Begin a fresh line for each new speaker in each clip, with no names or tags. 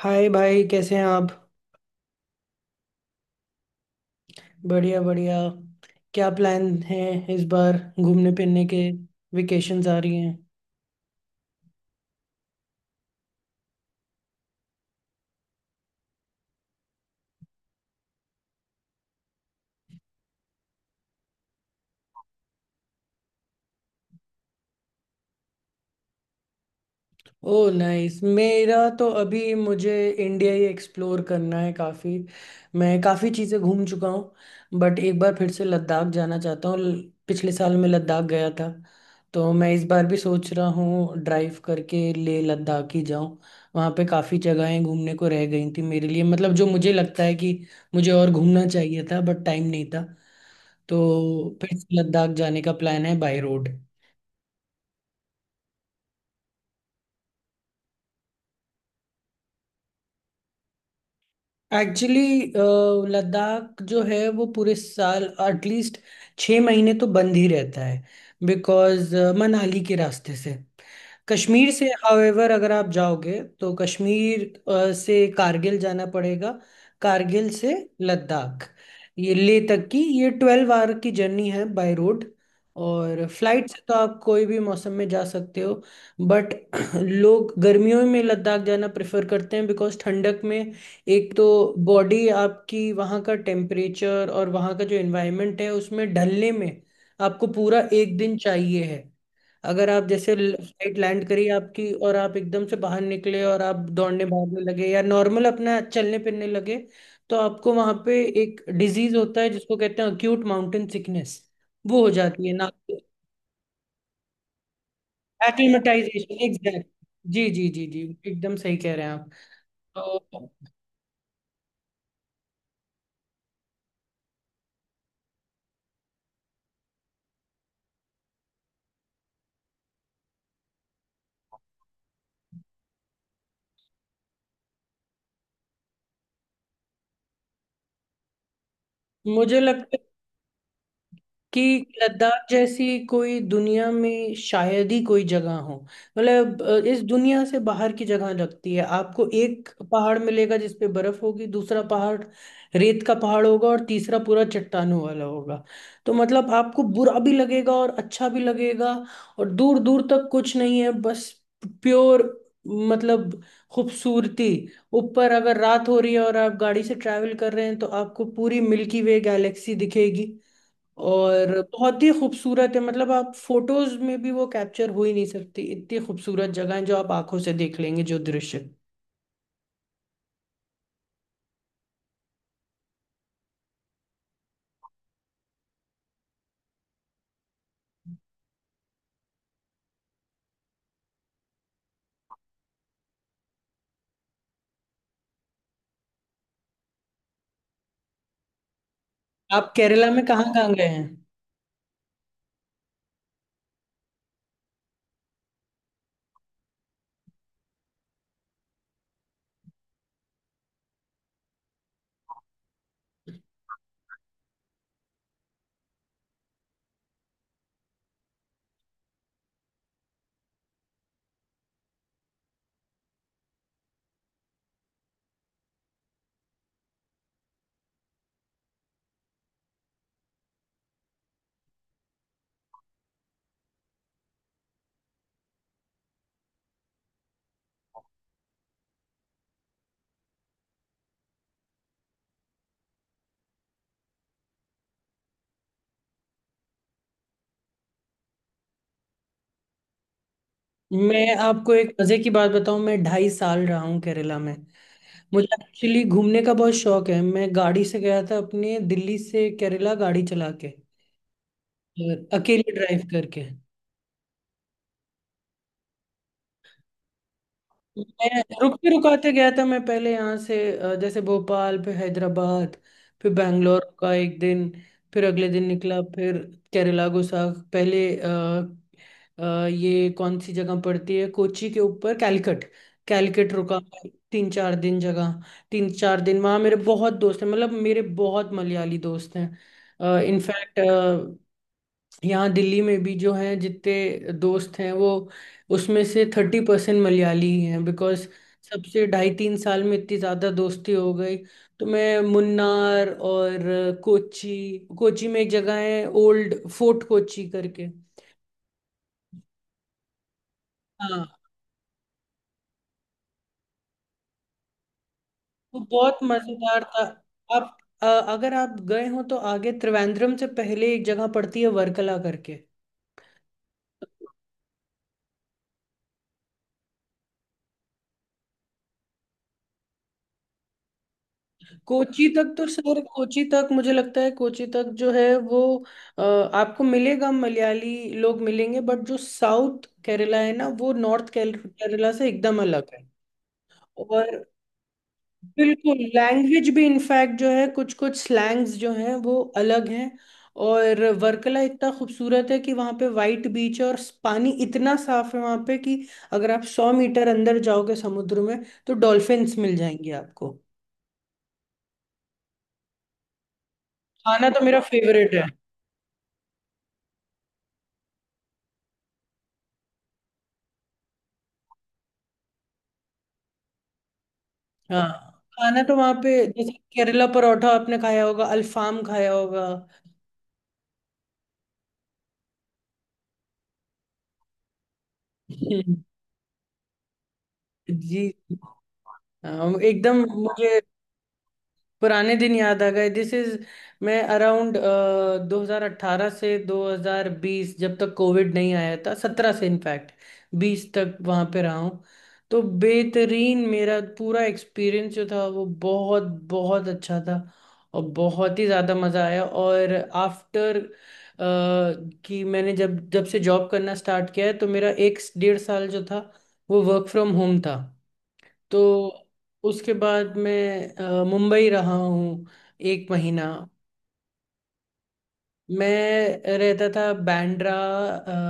हाय भाई कैसे हैं आप। बढ़िया बढ़िया। क्या प्लान है इस बार घूमने फिरने के। वेकेशंस आ रही हैं। Oh nice. मेरा तो अभी मुझे इंडिया ही एक्सप्लोर करना है काफ़ी। मैं काफ़ी चीज़ें घूम चुका हूँ बट एक बार फिर से लद्दाख जाना चाहता हूँ। पिछले साल मैं लद्दाख गया था। तो मैं इस बार भी सोच रहा हूँ ड्राइव करके लेह लद्दाख ही जाऊँ। वहाँ पे काफ़ी जगहें घूमने को रह गई थी मेरे लिए, मतलब जो मुझे लगता है कि मुझे और घूमना चाहिए था बट टाइम नहीं था। तो फिर से लद्दाख जाने का प्लान है बाय रोड। एक्चुअली लद्दाख जो है वो पूरे साल एटलीस्ट 6 महीने तो बंद ही रहता है बिकॉज मनाली के रास्ते से। कश्मीर से हावेवर अगर आप जाओगे तो कश्मीर से कारगिल जाना पड़ेगा। कारगिल से लद्दाख। ये लेह तक की ये 12 आवर की जर्नी है बाय रोड। और फ्लाइट से तो आप कोई भी मौसम में जा सकते हो। बट लोग गर्मियों में लद्दाख जाना प्रेफर करते हैं बिकॉज ठंडक में। एक तो बॉडी आपकी, वहाँ का टेम्परेचर और वहाँ का जो एनवायरनमेंट है उसमें ढलने में आपको पूरा एक दिन चाहिए है। अगर आप जैसे फ्लाइट लैंड करी आपकी और आप एकदम से बाहर निकले और आप दौड़ने भागने लगे या नॉर्मल अपना चलने फिरने लगे, तो आपको वहाँ पे एक डिजीज होता है जिसको कहते हैं अक्यूट माउंटेन सिकनेस। वो हो जाती है ना। Acclimatisation exact. जी जी जी जी, एकदम सही कह रहे हैं आप। तो मुझे लगता है कि लद्दाख जैसी कोई दुनिया में शायद ही कोई जगह हो। मतलब इस दुनिया से बाहर की जगह लगती है। आपको एक पहाड़ मिलेगा जिस पे बर्फ होगी, दूसरा पहाड़ रेत का पहाड़ होगा और तीसरा पूरा चट्टानों वाला होगा। तो मतलब आपको बुरा भी लगेगा और अच्छा भी लगेगा। और दूर दूर तक कुछ नहीं है, बस प्योर, मतलब खूबसूरती। ऊपर अगर रात हो रही है और आप गाड़ी से ट्रैवल कर रहे हैं तो आपको पूरी मिल्की वे गैलेक्सी दिखेगी। और बहुत ही खूबसूरत है, मतलब आप फोटोज में भी वो कैप्चर हो ही नहीं सकती, इतनी खूबसूरत जगह है जो आप आंखों से देख लेंगे, जो दृश्य। आप केरला में कहाँ कहाँ गए हैं। मैं आपको एक मजे की बात बताऊं, मैं 2.5 साल रहा हूँ केरला में। मुझे एक्चुअली घूमने का बहुत शौक है। मैं गाड़ी से गया था, अपने दिल्ली से केरला गाड़ी चला के और अकेले ड्राइव करके। मैं रुकते रुकाते गया था। मैं पहले यहाँ से जैसे भोपाल, फिर हैदराबाद, फिर बैंगलोर का एक दिन। फिर अगले दिन निकला, फिर केरला गुसाख पहले ये कौन सी जगह पड़ती है कोची के ऊपर, कैलकट। कैलकट रुका तीन चार दिन जगह। तीन चार दिन वहाँ मेरे बहुत दोस्त हैं, मतलब मेरे बहुत मलयाली दोस्त हैं इनफैक्ट। यहाँ दिल्ली में भी जो हैं, जितने दोस्त हैं वो उसमें से 30% मलयाली ही हैं, बिकॉज सबसे ढाई तीन साल में इतनी ज़्यादा दोस्ती हो गई। तो मैं मुन्नार और कोची, कोची में एक जगह है ओल्ड फोर्ट कोची करके। हाँ, वो बहुत मज़ेदार था। आप अ, अगर आप गए हो तो आगे त्रिवेंद्रम से पहले एक जगह पड़ती है, वर्कला करके। कोची तक तो सर, कोची तक मुझे लगता है कोची तक जो है वो आपको मिलेगा, मलयाली लोग मिलेंगे, बट जो साउथ केरला है ना वो नॉर्थ केरला से एकदम अलग है। और बिल्कुल लैंग्वेज भी, इनफैक्ट जो है कुछ कुछ स्लैंग्स जो हैं वो अलग हैं। और वर्कला इतना खूबसूरत है कि वहाँ पे वाइट बीच है और पानी इतना साफ है वहाँ पे कि अगर आप 100 मीटर अंदर जाओगे समुद्र में तो डॉल्फिन्स मिल जाएंगी आपको। खाना तो मेरा फेवरेट है। हाँ, खाना तो वहां पे जैसे केरला परोठा आपने खाया होगा, अल्फाम खाया होगा। हम्म, जी। हाँ, एकदम। मुझे पुराने दिन याद आ गए। दिस इज, मैं अराउंड 2018 से 2020, जब तक कोविड नहीं आया था, 17 से इनफैक्ट 20 तक वहां पे रहा हूँ। तो बेहतरीन, मेरा पूरा एक्सपीरियंस जो था वो बहुत बहुत अच्छा था और बहुत ही ज़्यादा मज़ा आया। और आफ्टर कि मैंने जब जब से जॉब करना स्टार्ट किया है, तो मेरा एक 1.5 साल जो था वो वर्क फ्रॉम होम था। तो उसके बाद मैं मुंबई रहा हूँ एक महीना। मैं रहता था बांद्रा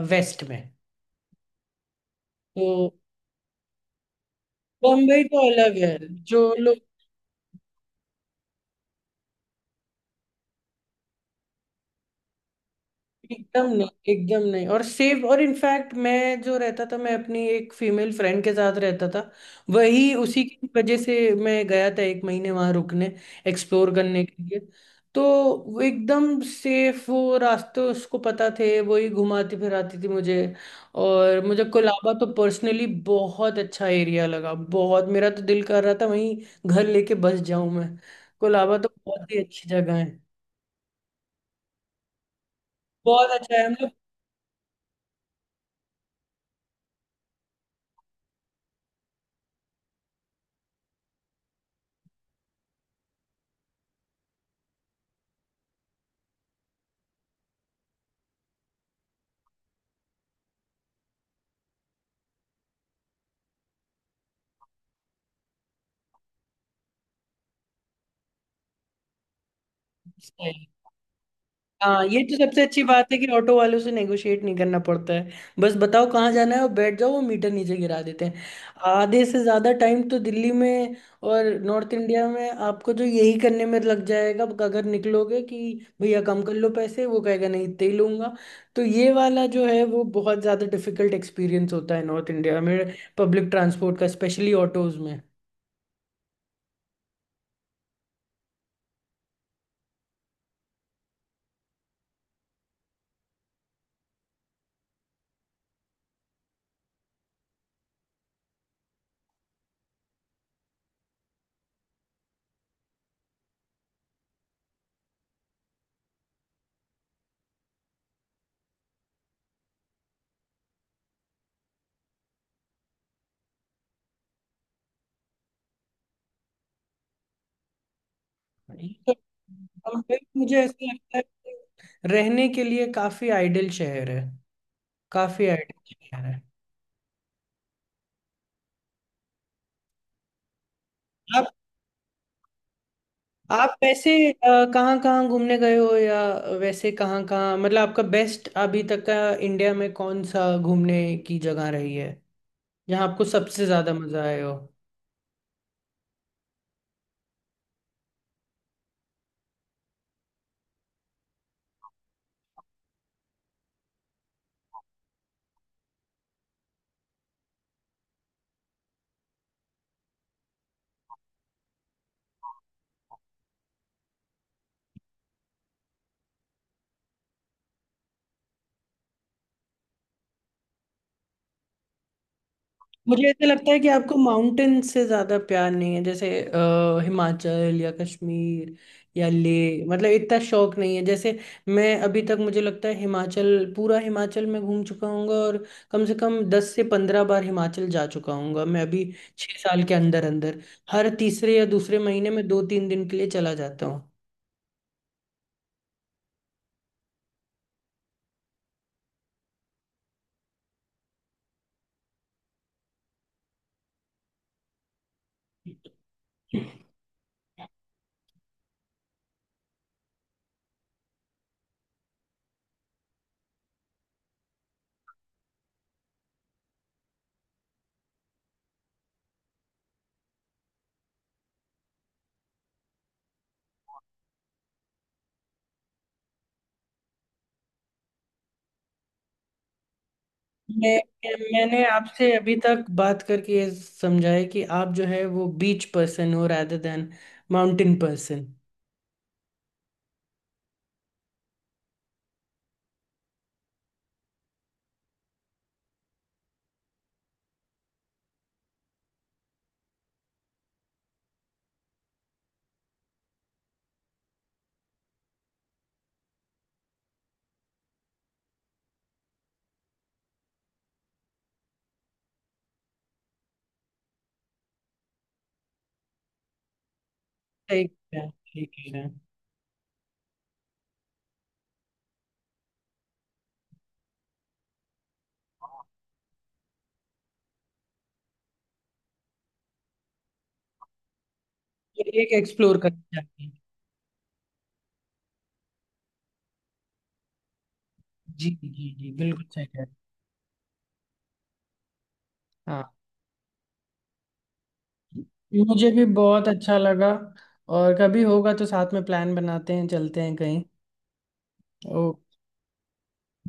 वेस्ट में। तो मुंबई तो अलग है, जो एकदम नहीं, एकदम नहीं। और सेफ, और इनफैक्ट मैं जो रहता था मैं अपनी एक फीमेल फ्रेंड के साथ रहता था, वही, उसी की वजह से मैं गया था एक महीने वहां रुकने, एक्सप्लोर करने के लिए। तो वो एकदम सेफ, वो रास्ते उसको पता थे, वही घुमाती फिराती थी मुझे। और मुझे कोलाबा तो पर्सनली बहुत अच्छा एरिया लगा, बहुत, मेरा तो दिल कर रहा था वहीं घर लेके बस जाऊं मैं। कोलाबा तो बहुत ही अच्छी जगह है। बहुत अच्छा है, हम लोग। हाँ, ये तो सबसे अच्छी बात है कि ऑटो वालों से नेगोशिएट नहीं करना पड़ता है। बस बताओ कहाँ जाना है और बैठ जाओ, वो मीटर नीचे गिरा देते हैं। आधे से ज्यादा टाइम तो दिल्ली में और नॉर्थ इंडिया में आपको जो यही करने में लग जाएगा अगर निकलोगे कि भैया कम कर लो पैसे, वो कहेगा नहीं इतने ही लूंगा। तो ये वाला जो है वो बहुत ज्यादा डिफिकल्ट एक्सपीरियंस होता है नॉर्थ इंडिया में पब्लिक ट्रांसपोर्ट का, स्पेशली ऑटोज में। ये तो- मुंबई मुझे ऐसा लगता है कि रहने के लिए काफी आइडियल शहर है। काफी आइडिया यार है। आप आप वैसे कहाँ कहाँ घूमने गए हो, या वैसे कहाँ कहाँ, मतलब आपका बेस्ट अभी तक का इंडिया में कौन सा घूमने की जगह रही है जहाँ आपको सबसे ज्यादा मजा आया हो। मुझे ऐसा लगता है कि आपको माउंटेन से ज्यादा प्यार नहीं है, जैसे हिमाचल या कश्मीर या लेह, मतलब इतना शौक नहीं है। जैसे मैं, अभी तक मुझे लगता है हिमाचल, पूरा हिमाचल मैं घूम चुका हूँ और कम से कम 10 से 15 बार हिमाचल जा चुका हूँ मैं। अभी 6 साल के अंदर अंदर हर तीसरे या दूसरे महीने में दो तीन दिन के लिए चला जाता हूँ मैं। मैंने आपसे अभी तक बात करके ये समझा है कि आप जो है वो बीच पर्सन हो, रादर देन माउंटेन पर्सन। सही कह रहे हैं, सही कह रहे हैं। ये एक एक्सप्लोर करनी चाहिए। जी जी जी बिल्कुल सही कह रहे हैं। हाँ, मुझे भी बहुत अच्छा लगा। और कभी होगा तो साथ में प्लान बनाते हैं, चलते हैं कहीं। ओ।